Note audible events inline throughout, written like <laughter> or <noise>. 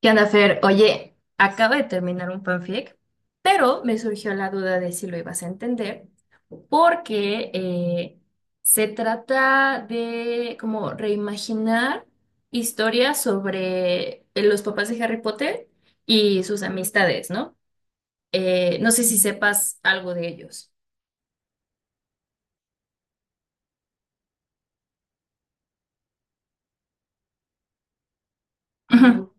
¿Qué onda, Fer? Oye, acabo de terminar un fanfic, pero me surgió la duda de si lo ibas a entender, porque se trata de como reimaginar historias sobre los papás de Harry Potter y sus amistades, ¿no? No sé si sepas algo de ellos. Ujú.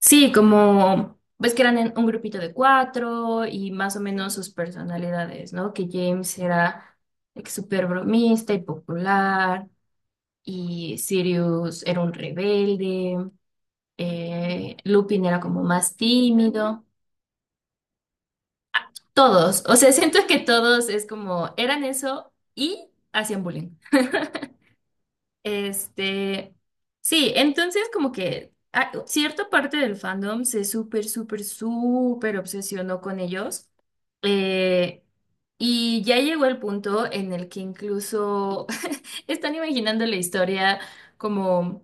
Sí, como ves que eran en un grupito de cuatro y más o menos sus personalidades, ¿no? Que James era like, súper bromista y popular, y Sirius era un rebelde, Lupin era como más tímido. Todos, o sea, <laughs> siento que todos es como eran eso y hacían bullying. Este, sí, entonces como que ah, cierta parte del fandom se súper, súper, súper obsesionó con ellos. Eh, y ya llegó el punto en el que incluso <laughs> están imaginando la historia como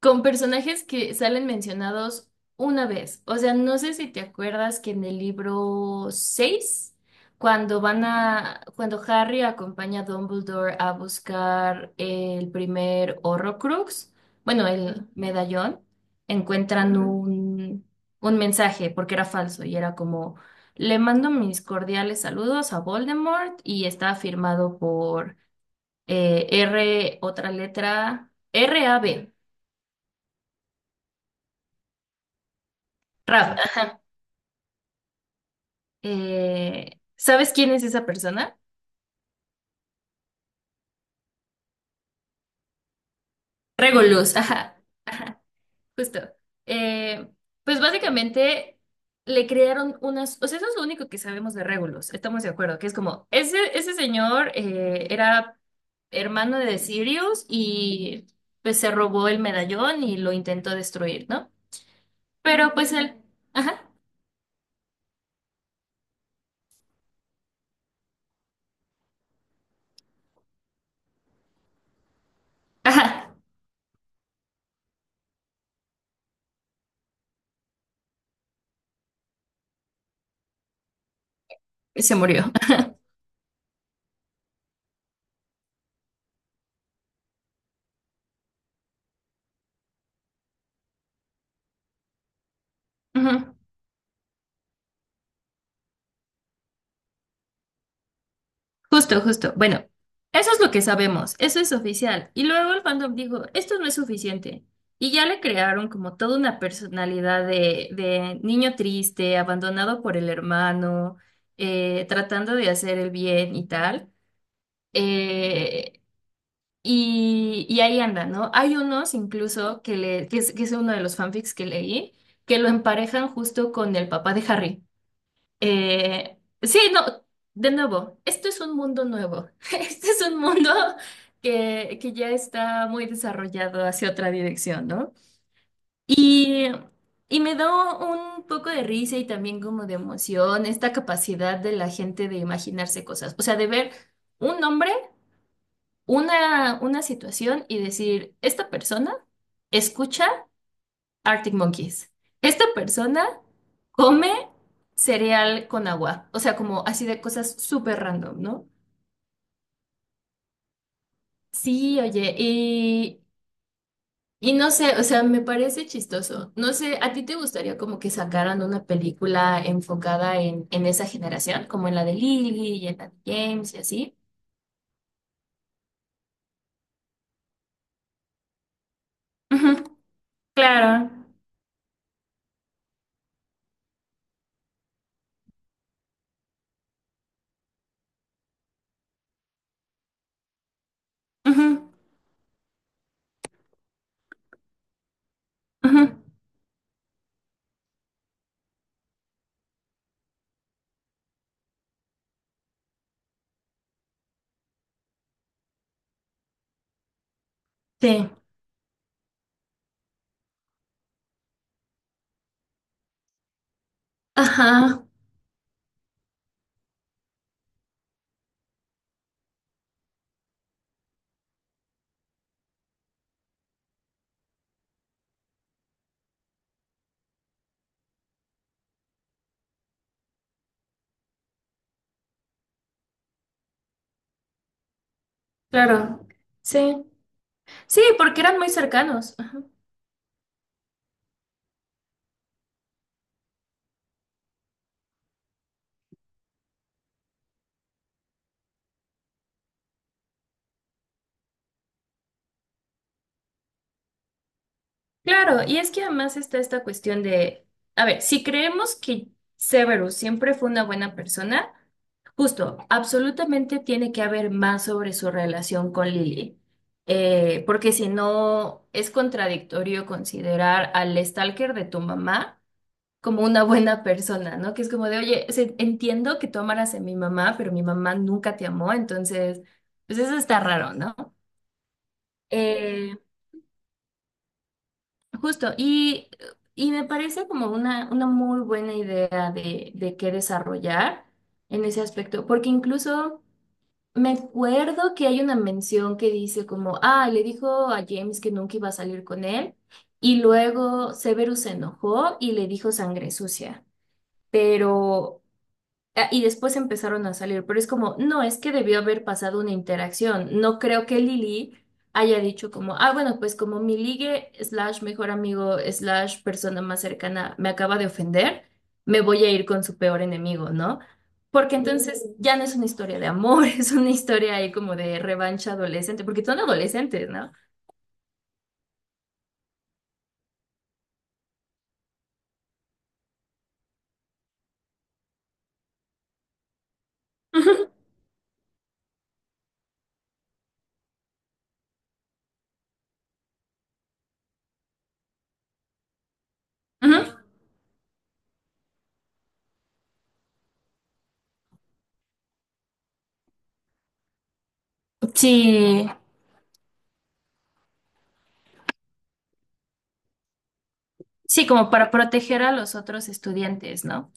con personajes que salen mencionados una vez. O sea, no sé si te acuerdas que en el libro 6, cuando van a, cuando Harry acompaña a Dumbledore a buscar el primer Horrocrux, bueno, el medallón, encuentran Ujú. Un mensaje porque era falso y era como, le mando mis cordiales saludos a Voldemort y está firmado por R, otra letra, R RAB. Rab, ¿sabes quién es esa persona? Regulus, ajá, ajá, justo. Eh, pues básicamente le crearon unas, o sea, eso es lo único que sabemos de Regulus, estamos de acuerdo, que es como, ese señor era hermano de Sirius y pues se robó el medallón y lo intentó destruir, ¿no? Pero pues él, ajá, ajá, se murió. <laughs> Ujú. Justo, justo. Bueno, eso es lo que sabemos, eso es oficial. Y luego el fandom dijo, esto no es suficiente. Y ya le crearon como toda una personalidad de niño triste, abandonado por el hermano, tratando de hacer el bien y tal. Eh, y ahí anda, ¿no? Hay unos incluso que, le, que es uno de los fanfics que leí, que lo emparejan justo con el papá de Harry. Sí, no, de nuevo, esto es un mundo nuevo. <laughs> Este es un mundo que ya está muy desarrollado hacia otra dirección, ¿no? Y, y me da un poco de risa y también como de emoción esta capacidad de la gente de imaginarse cosas. O sea, de ver un nombre, una situación y decir, esta persona escucha. Arctic Monkeys. Esta persona come cereal con agua, o sea, como así de cosas súper random, ¿no? Sí, oye, y no sé, o sea, me parece chistoso. No sé, ¿a ti te gustaría como que sacaran una película enfocada en esa generación, como en la de Lily y en la de James y así? Ujú, claro. Ujú, ujú, sí. Ajá, claro. Sí. Sí, porque eran muy cercanos. Claro, y es que además está esta cuestión de, a ver, si creemos que Severus siempre fue una buena persona, justo, absolutamente tiene que haber más sobre su relación con Lily. Porque si no, es contradictorio considerar al stalker de tu mamá como una buena persona, ¿no? Que es como de, oye, se- entiendo que tú amaras a mi mamá, pero mi mamá nunca te amó, entonces, pues eso está raro, ¿no? Eh, Justo, y me parece como una muy buena idea de qué desarrollar en ese aspecto, porque incluso me acuerdo que hay una mención que dice como, ah, le dijo a James que nunca iba a salir con él, y luego Severus se enojó y le dijo sangre sucia, pero ah, y después empezaron a salir, pero es como, no, es que debió haber pasado una interacción. No creo que Lili haya dicho como, ah, bueno, pues como mi ligue slash mejor amigo slash persona más cercana me acaba de ofender, me voy a ir con su peor enemigo, ¿no? Porque entonces ya no es una historia de amor, <laughs> es una historia ahí como de revancha adolescente, porque son adolescentes, ¿no? Ujú, ujú. Sí, sí, como para proteger a los otros estudiantes, ¿no?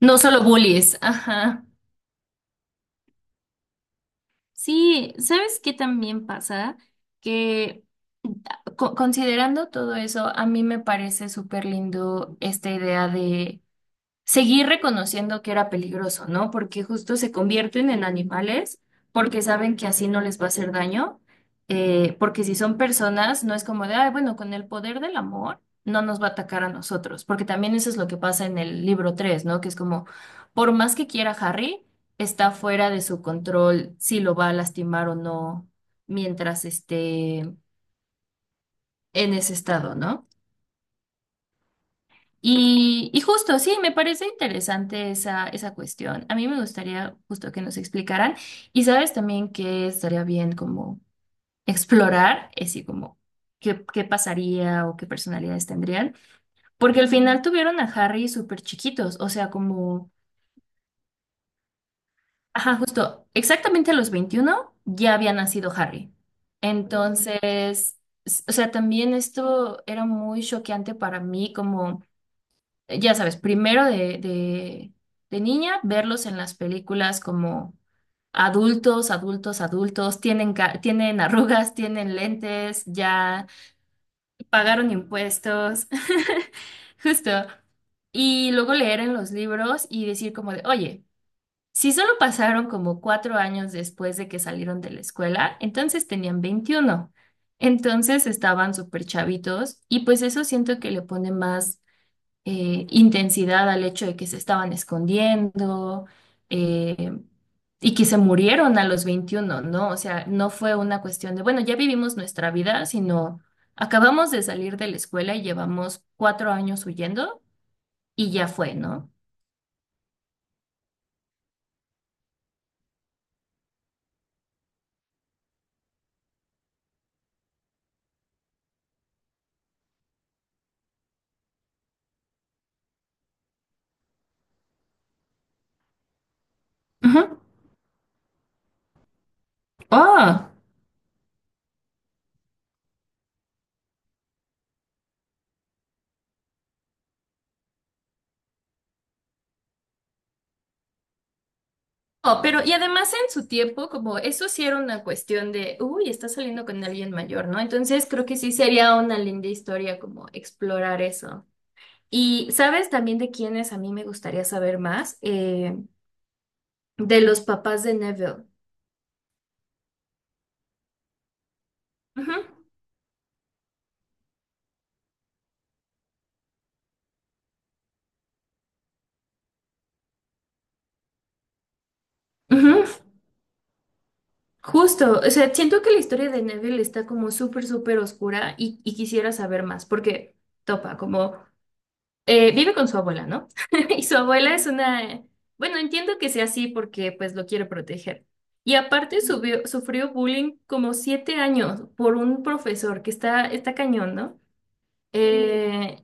No solo bullies, ajá. Sí, ¿sabes qué también pasa? Que ah, co- considerando todo eso, a mí me parece súper lindo esta idea seguir reconociendo que era peligroso, ¿no? Porque justo se convierten en animales porque saben que así no les va a hacer daño, porque si son personas, no es como de, ay, bueno, con el poder del amor no nos va a atacar a nosotros, porque también eso es lo que pasa en el libro 3, ¿no? Que es como, por más que quiera Harry, está fuera de su control si lo va a lastimar o no mientras esté en ese estado, ¿no? Y justo, sí, me parece interesante esa, esa cuestión. A mí me gustaría justo que nos explicaran. Y sabes también que estaría bien como explorar, así como qué, qué pasaría o qué personalidades tendrían, porque al final tuvieron a Harry súper chiquitos, o sea, como, ajá, justo, exactamente a los 21 ya había nacido Harry. Entonces, s- o sea, también esto era muy choqueante para mí como... ya sabes, primero de, de niña, verlos en las películas como adultos, adultos, adultos, tienen, ca- tienen arrugas, <laughs> tienen lentes, ya pagaron impuestos, <laughs> justo. Y luego leer en los libros y decir como de, oye, si solo pasaron como 4 años después de que salieron de la escuela, entonces tenían 21. Entonces estaban súper chavitos y pues eso siento que le pone más intensidad al hecho de que se estaban escondiendo eh, y que se murieron a los 21, ¿no? O sea, no fue una cuestión de, bueno, ya vivimos nuestra vida, sino acabamos de salir de la escuela y llevamos 4 años huyendo y ya fue, ¿no? Ujú. Oh. Oh, pero y además en su tiempo, como eso sí era una cuestión de, uy, está saliendo con alguien mayor, ¿no? Entonces creo que sí sería una linda historia como explorar eso. Y sabes también de quiénes a mí me gustaría saber más. De los papás de Neville. Ujú, ujú, justo, o sea, siento que la historia de Neville está como súper, súper oscura y quisiera saber más, porque topa, como vive con su abuela, ¿no? <laughs> Y su abuela es una, bueno, entiendo que sea así porque pues lo quiere proteger. Y aparte subió- sufrió bullying como 7 años por un profesor que está, está cañón, ¿no? Mm. Eh,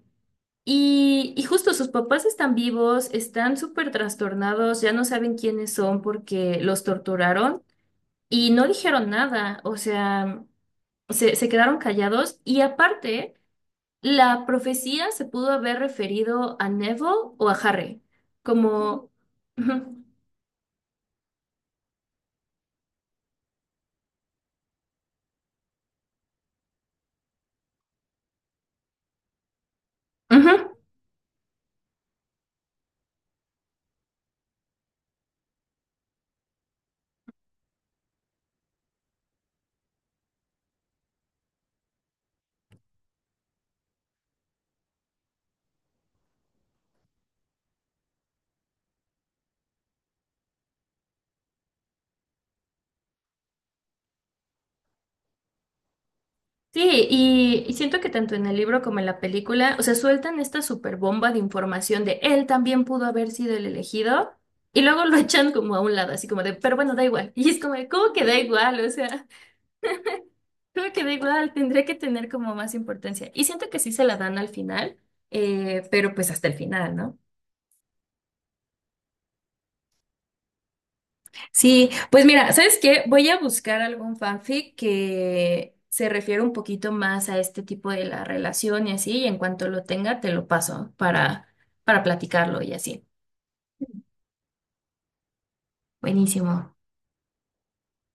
y justo sus papás están vivos, están súper trastornados, ya no saben quiénes son porque los torturaron y no dijeron nada, o sea, se quedaron callados y aparte, la profecía se pudo haber referido a Neville o a Harry, como... Ujú, ujú. Sí, y siento que tanto en el libro como en la película, o sea, sueltan esta super bomba de información de él también pudo haber sido el elegido, y luego lo <laughs> echan como a un lado, así como de, pero bueno, da igual. Y es como de, ¿cómo que da igual? O sea, <laughs> ¿cómo que da igual? Tendría que tener como más importancia. Y siento que sí se la dan al final, pero pues hasta el final, ¿no? Sí, pues mira, ¿sabes qué? Voy a buscar algún fanfic que se refiere un poquito más a este tipo de la relación y así, y en cuanto lo tenga, te lo paso para platicarlo y así. Buenísimo.